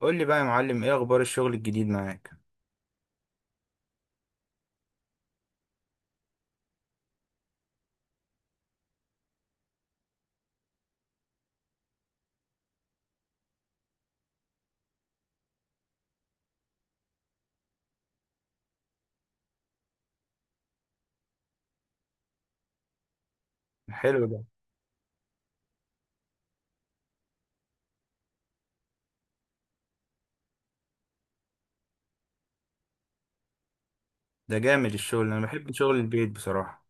قول لي بقى يا معلم، ايه اخبار الشغل الجديد معاك؟ حلو ده. ده جامد الشغل، انا بحب شغل البيت بصراحة.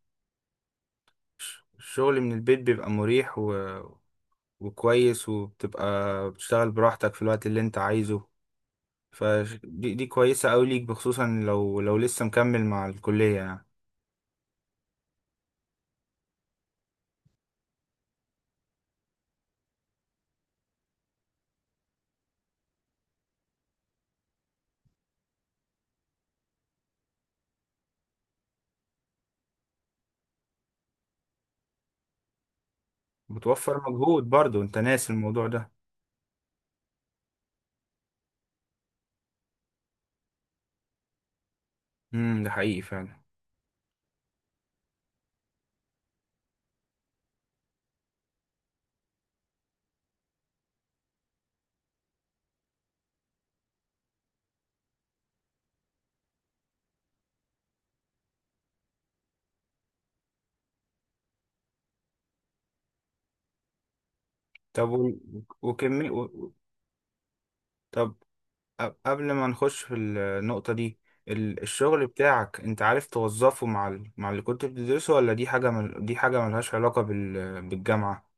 الشغل من البيت بيبقى مريح وكويس، وبتبقى بتشتغل براحتك في الوقت اللي انت عايزه. فدي دي دي كويسة قوي ليك، بخصوصا لو لسه مكمل مع الكلية يعني. بتوفر مجهود برضو، انت ناسي الموضوع ده. ده حقيقي فعلا. طب و... وكمي... و... و- طب، قبل ما نخش في النقطة دي، الشغل بتاعك، انت عارف توظفه مع اللي كنت بتدرسه، ولا دي حاجة دي حاجة ملهاش علاقة بالجامعة؟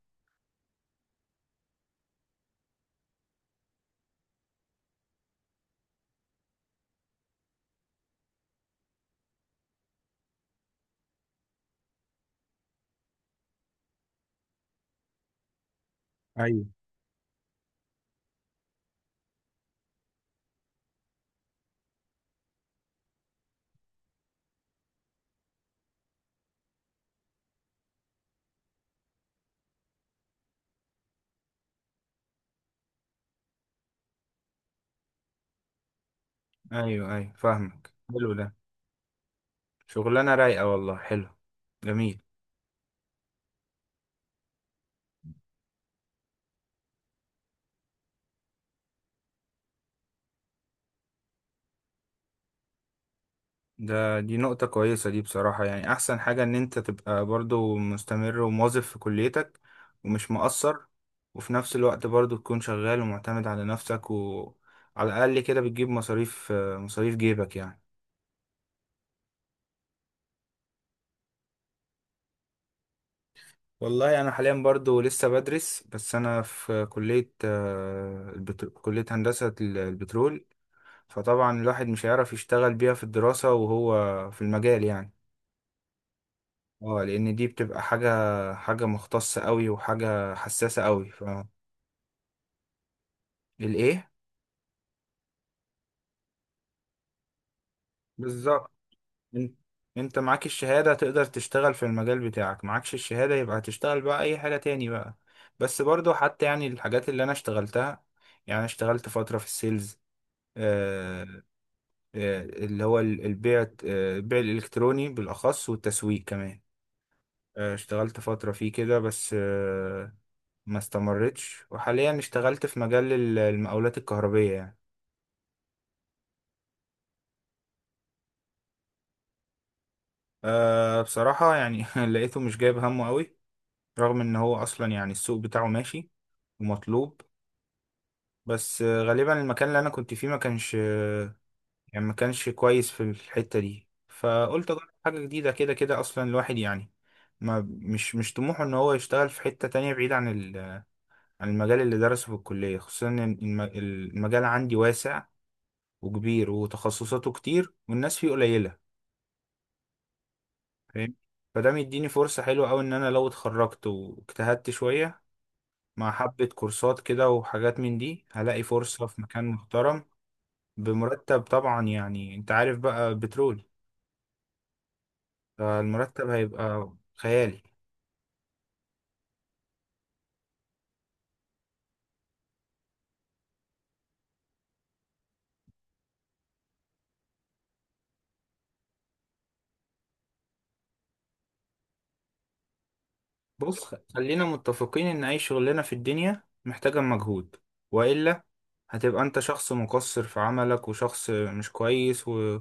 ايوه، ايوه، ايوه، فاهمك، حلو ده. شغلانة رايقة والله، حلو. جميل. دي نقطة كويسة دي بصراحة، يعني احسن حاجة ان انت تبقى برضو مستمر وموظف في كليتك ومش مقصر، وفي نفس الوقت برضو تكون شغال ومعتمد على نفسك، وعلى الاقل كده بتجيب مصاريف جيبك يعني. والله انا حاليا برضو لسه بدرس، بس انا في كلية كلية هندسة البترول، فطبعا الواحد مش هيعرف يشتغل بيها في الدراسة وهو في المجال يعني. اه لان دي بتبقى حاجة، حاجة مختصة قوي وحاجة حساسة قوي. الايه؟ بالظبط. إن- انت معاك الشهادة تقدر تشتغل في المجال بتاعك، معكش الشهادة يبقى هتشتغل بقى اي حاجة تاني بقى. بس برضو حتى يعني الحاجات اللي انا اشتغلتها، يعني أنا اشتغلت فترة في السيلز، آه، اللي هو البيع، البيع الإلكتروني بالأخص والتسويق كمان. اشتغلت فترة فيه كده بس، ما استمرتش، وحاليا اشتغلت في مجال المقاولات الكهربية يعني. بصراحة يعني لقيته مش جايب همه قوي، رغم ان هو اصلا يعني السوق بتاعه ماشي ومطلوب، بس غالبا المكان اللي انا كنت فيه ما كانش، يعني ما كانش كويس في الحتة دي، فقلت اجرب حاجة جديدة، كده كده اصلا الواحد يعني ما مش طموحه ان هو يشتغل في حتة تانية بعيد عن عن المجال اللي درسه في الكلية، خصوصا ان المجال عندي واسع وكبير وتخصصاته كتير والناس فيه قليلة، فاهم؟ فده مديني فرصة حلوة أوي إن أنا لو اتخرجت واجتهدت شوية مع حبة كورسات كده وحاجات من دي، هلاقي فرصة في مكان محترم بمرتب طبعا، يعني أنت عارف بقى بترول، فالمرتب هيبقى خيالي. بص، خلينا متفقين ان اي شغلانه في الدنيا محتاجه مجهود، والا هتبقى انت شخص مقصر في عملك وشخص مش كويس،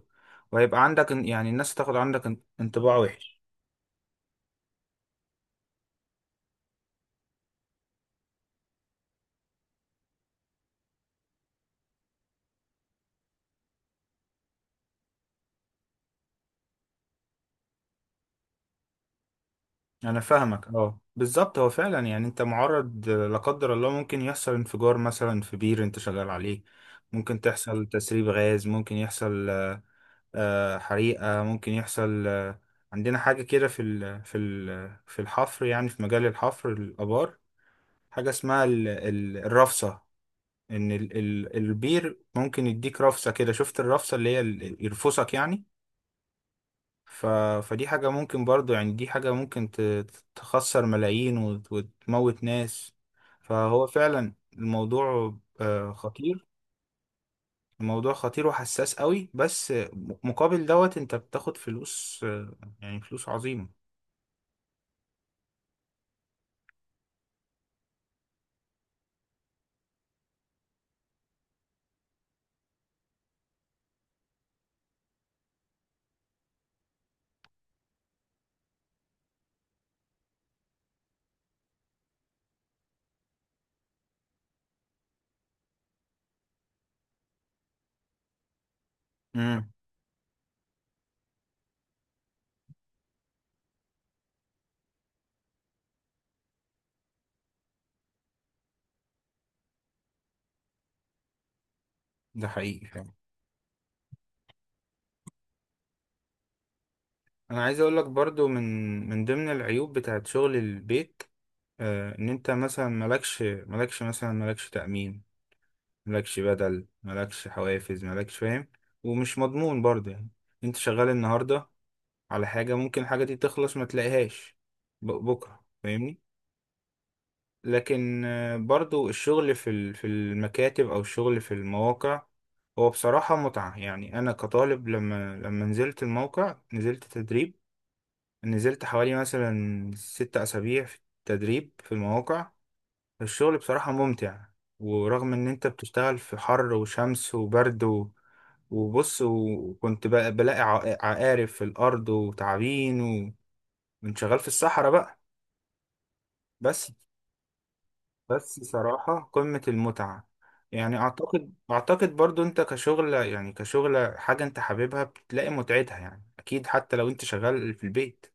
وهيبقى عندك يعني الناس تاخد عندك انطباع وحش. انا فاهمك، اه بالظبط، هو فعلا يعني انت معرض لا قدر الله ممكن يحصل انفجار مثلا في بير انت شغال عليه، ممكن تحصل تسريب غاز، ممكن يحصل حريقة، ممكن يحصل. عندنا حاجة كده في في الحفر، يعني في مجال الحفر الآبار، حاجة اسمها الرفصة، إن البير ممكن يديك رفصة كده، شفت الرفصة اللي هي يرفصك يعني. ف فدي حاجة ممكن برضو يعني، دي حاجة ممكن تخسر ملايين وتموت ناس، فهو فعلا الموضوع خطير، الموضوع خطير وحساس قوي، بس مقابل دوت انت بتاخد فلوس، يعني فلوس عظيمة. امم ده حقيقي فعلا. انا عايز اقول لك برضو من ضمن العيوب بتاعت شغل البيك، ان انت مثلا مالكش مثلا مالكش تأمين، مالكش بدل، مالكش حوافز، مالكش فاهم. ومش مضمون برضه يعني، انت شغال النهاردة على حاجة، ممكن الحاجة دي تخلص ما تلاقيهاش بكرة فاهمني. لكن برضو الشغل في في المكاتب او الشغل في المواقع، هو بصراحة متعة، يعني انا كطالب لما نزلت الموقع، نزلت تدريب، نزلت حوالي مثلا 6 اسابيع في تدريب في المواقع، الشغل بصراحة ممتع، ورغم ان انت بتشتغل في حر وشمس وبرد وبص، وكنت بقى بلاقي عقارب في الارض وتعابين، وكنت شغال في الصحراء بقى. بس بس صراحة قمة المتعة، يعني أعتقد برضو أنت كشغل، يعني كشغل حاجة أنت حاببها بتلاقي متعتها يعني، أكيد حتى لو أنت شغال في البيت.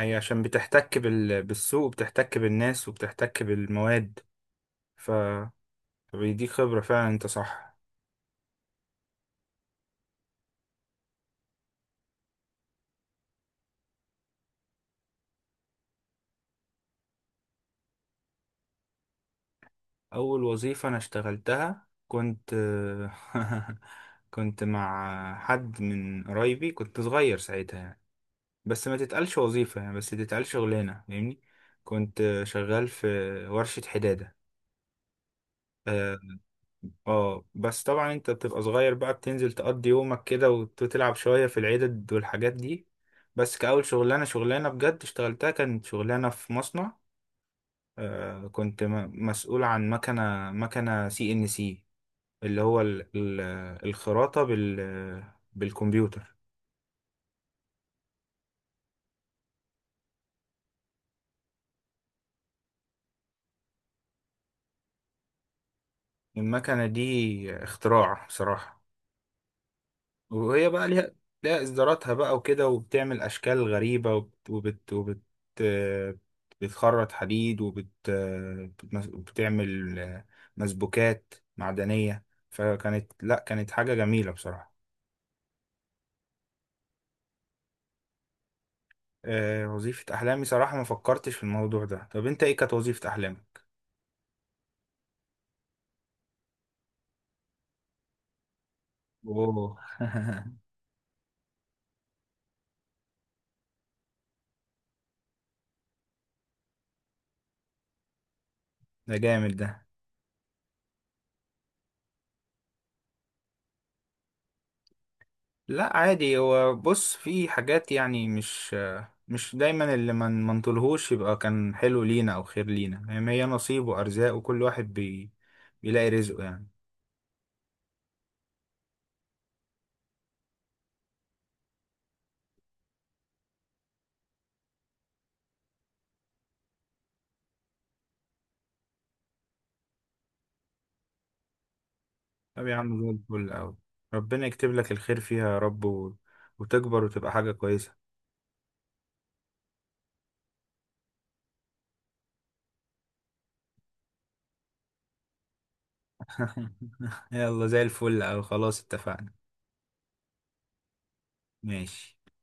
أي، عشان بتحتك بالسوق، وبتحتك بالناس، وبتحتك بالمواد، ف فبيديك خبرة فعلا، أنت صح. أول وظيفة أنا اشتغلتها كنت كنت مع حد من قرايبي، كنت صغير ساعتها يعني، بس ما تتقالش وظيفة يعني، بس تتقال شغلانة، فاهمني. كنت شغال في ورشة حدادة، اه. بس طبعا انت بتبقى صغير بقى، بتنزل تقضي يومك كده وتلعب شوية في العدد والحاجات دي، بس كأول شغلانة شغلانة بجد اشتغلتها، كانت شغلانة في مصنع، آه، كنت مسؤول عن مكنة CNC، اللي هو الخراطة بالكمبيوتر. المكنة دي اختراع صراحة، وهي بقى ليها، ليها إصداراتها بقى وكده، وبتعمل أشكال غريبة بتخرط حديد بتعمل مسبوكات معدنية، فكانت لا كانت حاجة جميلة بصراحة. وظيفة أحلامي صراحة ما فكرتش في الموضوع ده، طب أنت إيه كانت وظيفة أحلامك؟ أوه ده جامد ده. لا عادي، هو بص في حاجات يعني مش دايما اللي ما من منطلهوش يبقى كان حلو لينا او خير لينا، يعني هي نصيب وارزاق، وكل واحد بيلاقي رزقه يعني. طب يا عم زي الفل اوي، ربنا يكتب لك الخير فيها يا رب، وتكبر وتبقى حاجة كويسة. يلا زي الفل، او خلاص اتفقنا. ماشي.